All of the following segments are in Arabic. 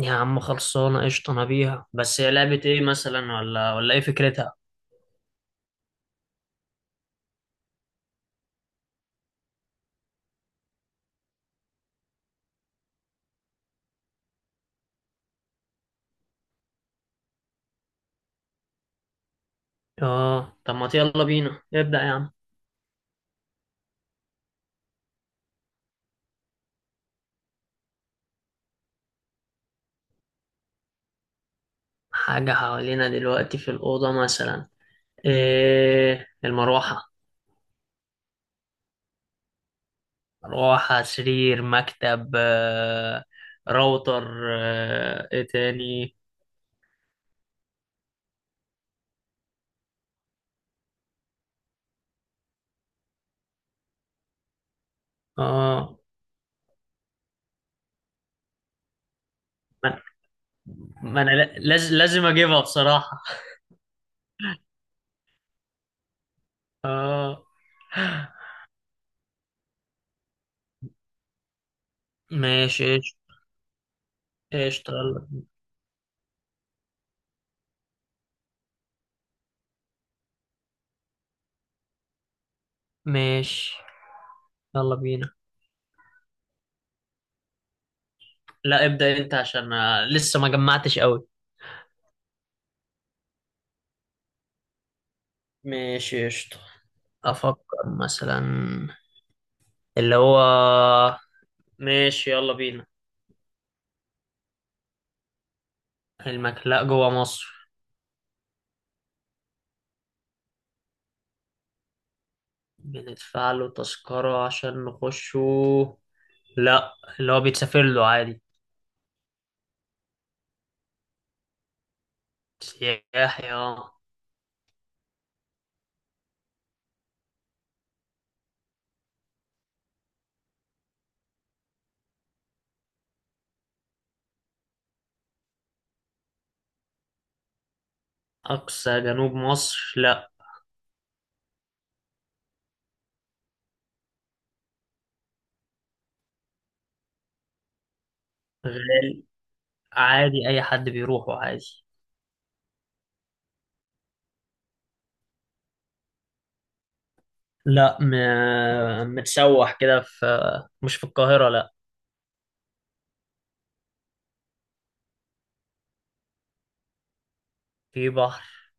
يا عم خلصانة قشطة، أنا بيها. بس هي لعبة إيه مثلا ولا إيه فكرتها؟ آه، طب ما يلا بينا ابدأ يا عم. حاجة حوالينا دلوقتي في الأوضة مثلا. إيه المروحة. مروحة، سرير، مكتب، راوتر. إيه تاني؟ آه، ما ما أنا لازم أجيبها بصراحة. آه، ماشي قشطة. قشطة، يلا. ماشي يلا بينا. لا ابدأ انت عشان لسه ما جمعتش قوي. ماشي قشطة. افكر مثلا اللي هو ماشي يلا بينا. المكلاء جوه مصر. بندفع له تذكرة عشان نخشه؟ لا، اللي هو بيتسافر له عادي. سياحي اه. أقصى جنوب مصر، لا. غالي؟ عادي أي حد بيروحه عادي. لا متسوح كده في. مش في القاهرة لا. في بحر.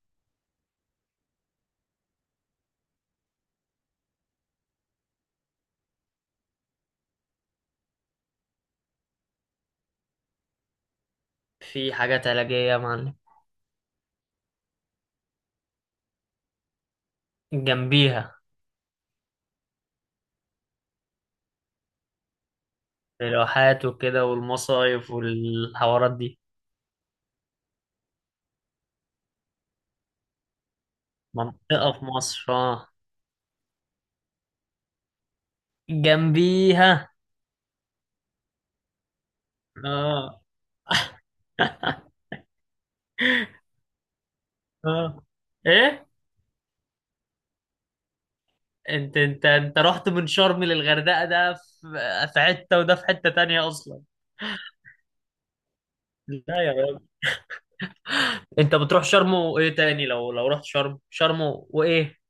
في حاجات علاجية يا معلم. جنبيها. الواحات وكده والمصايف والحوارات دي. منطقة في مصر اه. جنبيها. اه. اه، ايه. انت رحت من شرم للغردقة، ده في حتة وده في حتة تانية اصلا. لا يا راجل. انت بتروح شرم وايه تاني؟ لو رحت شرم شرم وايه؟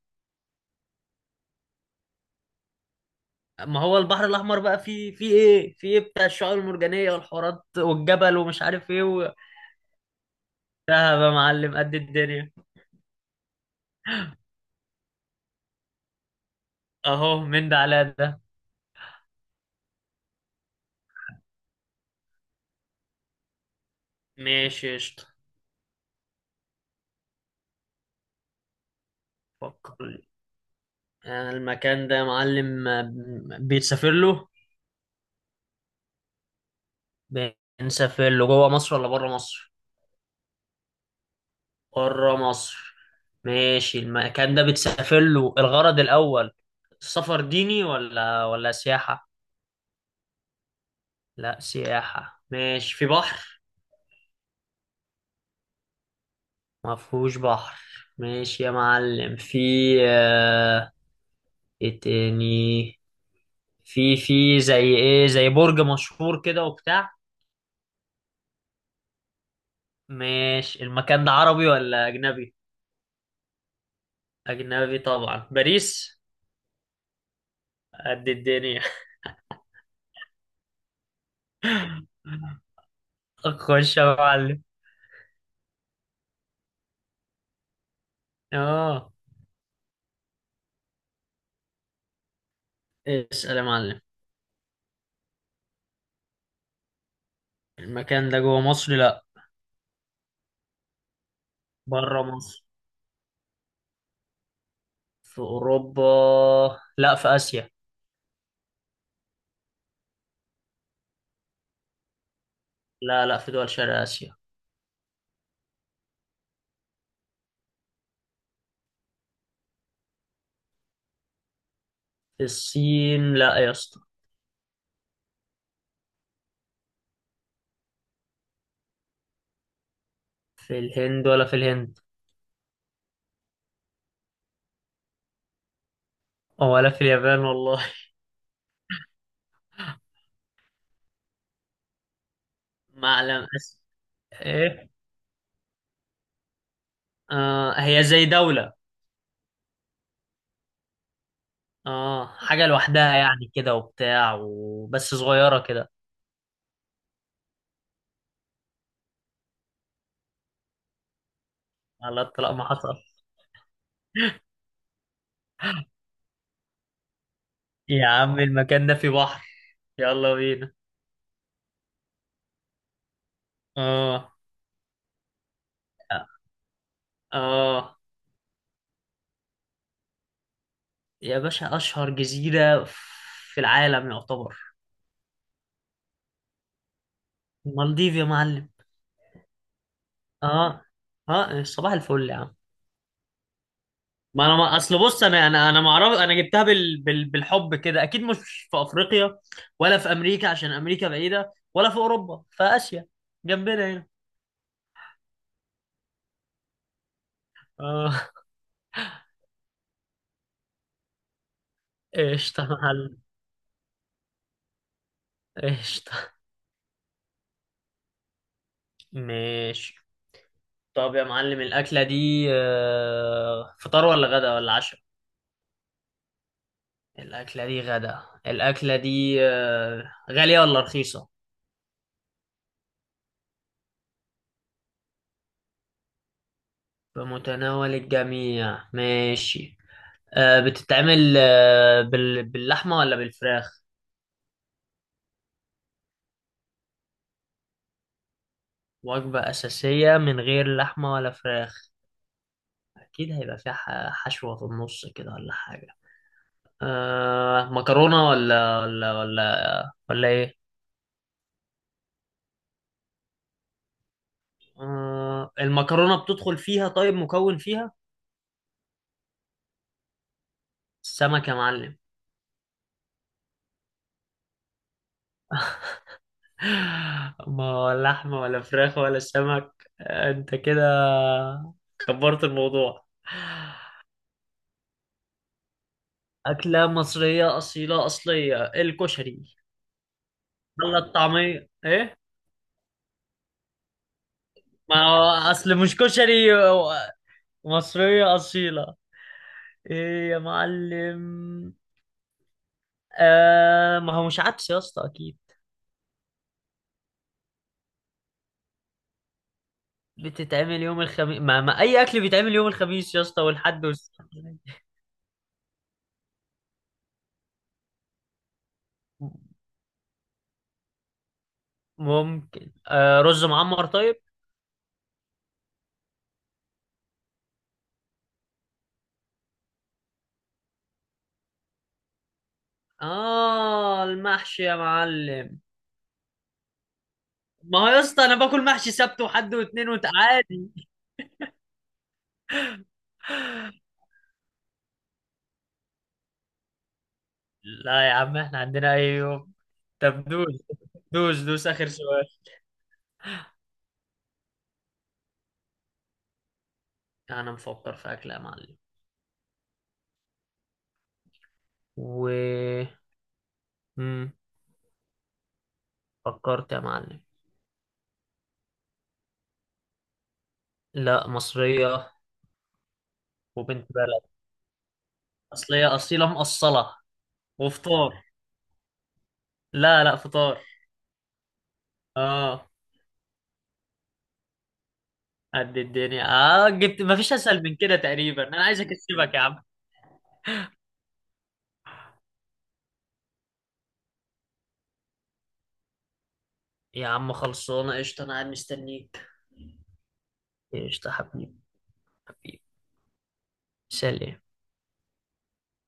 ما هو البحر الاحمر بقى فيه ايه، فيه ايه بتاع الشعاب المرجانية والحوارات والجبل ومش عارف ايه ده. يا معلم قد الدنيا. اهو من ده على ده. ماشي قشطة. فكر لي. المكان ده يا معلم، بيتسافر له. بنسافر له جوه مصر ولا بره مصر؟ بره مصر. ماشي، المكان ده بتسافر له الغرض الأول، السفر ديني ولا سياحة. لا سياحة. ماشي، في بحر. ما فيهوش بحر. ماشي يا معلم، في آه، ايه تاني، في زي ايه، زي برج مشهور كده وبتاع. ماشي، المكان ده عربي ولا أجنبي؟ أجنبي طبعا، باريس. قد الدنيا. خش يا معلم. اه، اسأل يا معلم. المكان ده جوه مصر، لا. بره مصر. في أوروبا؟ لا في آسيا. لا لا، في دول شرق آسيا. في الصين، لا يا اسطى. في الهند. ولا في اليابان والله. معلم آسيا. ايه. آه، هي زي دولة. اه، حاجة لوحدها يعني كده وبتاع وبس، صغيرة كده. على الطلاق ما حصل. يا عم المكان ده فيه بحر. يلا بينا. اه. اه، يا باشا اشهر جزيرة في العالم يعتبر. المالديف يا معلم. اه. اه، صباح الفل يا عم. ما انا ما اصل بص، انا ما اعرف. انا جبتها بالحب كده. اكيد مش في افريقيا، ولا في امريكا عشان امريكا بعيدة، ولا في اوروبا، في اسيا جنبنا هنا. اه. قشطة يا معلم. قشطة. ماشي. طب يا معلم، الأكلة دي فطار ولا غدا ولا عشاء؟ الأكلة دي غدا. الأكلة دي غالية ولا رخيصة؟ بمتناول الجميع، ماشي. بتتعمل باللحمة ولا بالفراخ؟ وجبة أساسية من غير لحمة ولا فراخ. أكيد هيبقى فيها حشوة في النص كده ولا حاجة. أه مكرونة ولا إيه؟ أه، المكرونة بتدخل فيها، طيب مكون فيها؟ السمك يا معلم. ما لحمة ولا فراخ ولا سمك. انت كده كبرت الموضوع. أكلة مصرية أصيلة أصلية، الكشري. ولا الطعمية إيه؟ ما هو أصل مش كشري هو. مصرية أصيلة. إيه يا معلم. آه، ما هو مش عدس يا اسطى أكيد. بتتعمل يوم الخميس؟ ما أي أكل بيتعمل يوم الخميس يا اسطى، والحد ممكن رز معمر طيب. اه المحشي يا معلم. ما هو يا اسطى انا باكل محشي سبت وحد واثنين عادي. لا يا عم احنا عندنا اي يوم. طب دوس دوس دوس اخر سؤال. انا مفكر في اكل يا معلم. و، مم. فكرت يا معلم. لا مصرية. وبنت بلد. اصلية اصيلة مقصلة. وفطار. لا لا فطار. اه. قد الدنيا، اه جبت، مفيش اسهل من كده تقريبا، انا عايز اكسبك يا عم. يا عم خلصانة قشطة، انا قاعد مستنيك. قشطة حبيب. حبيب. سلام.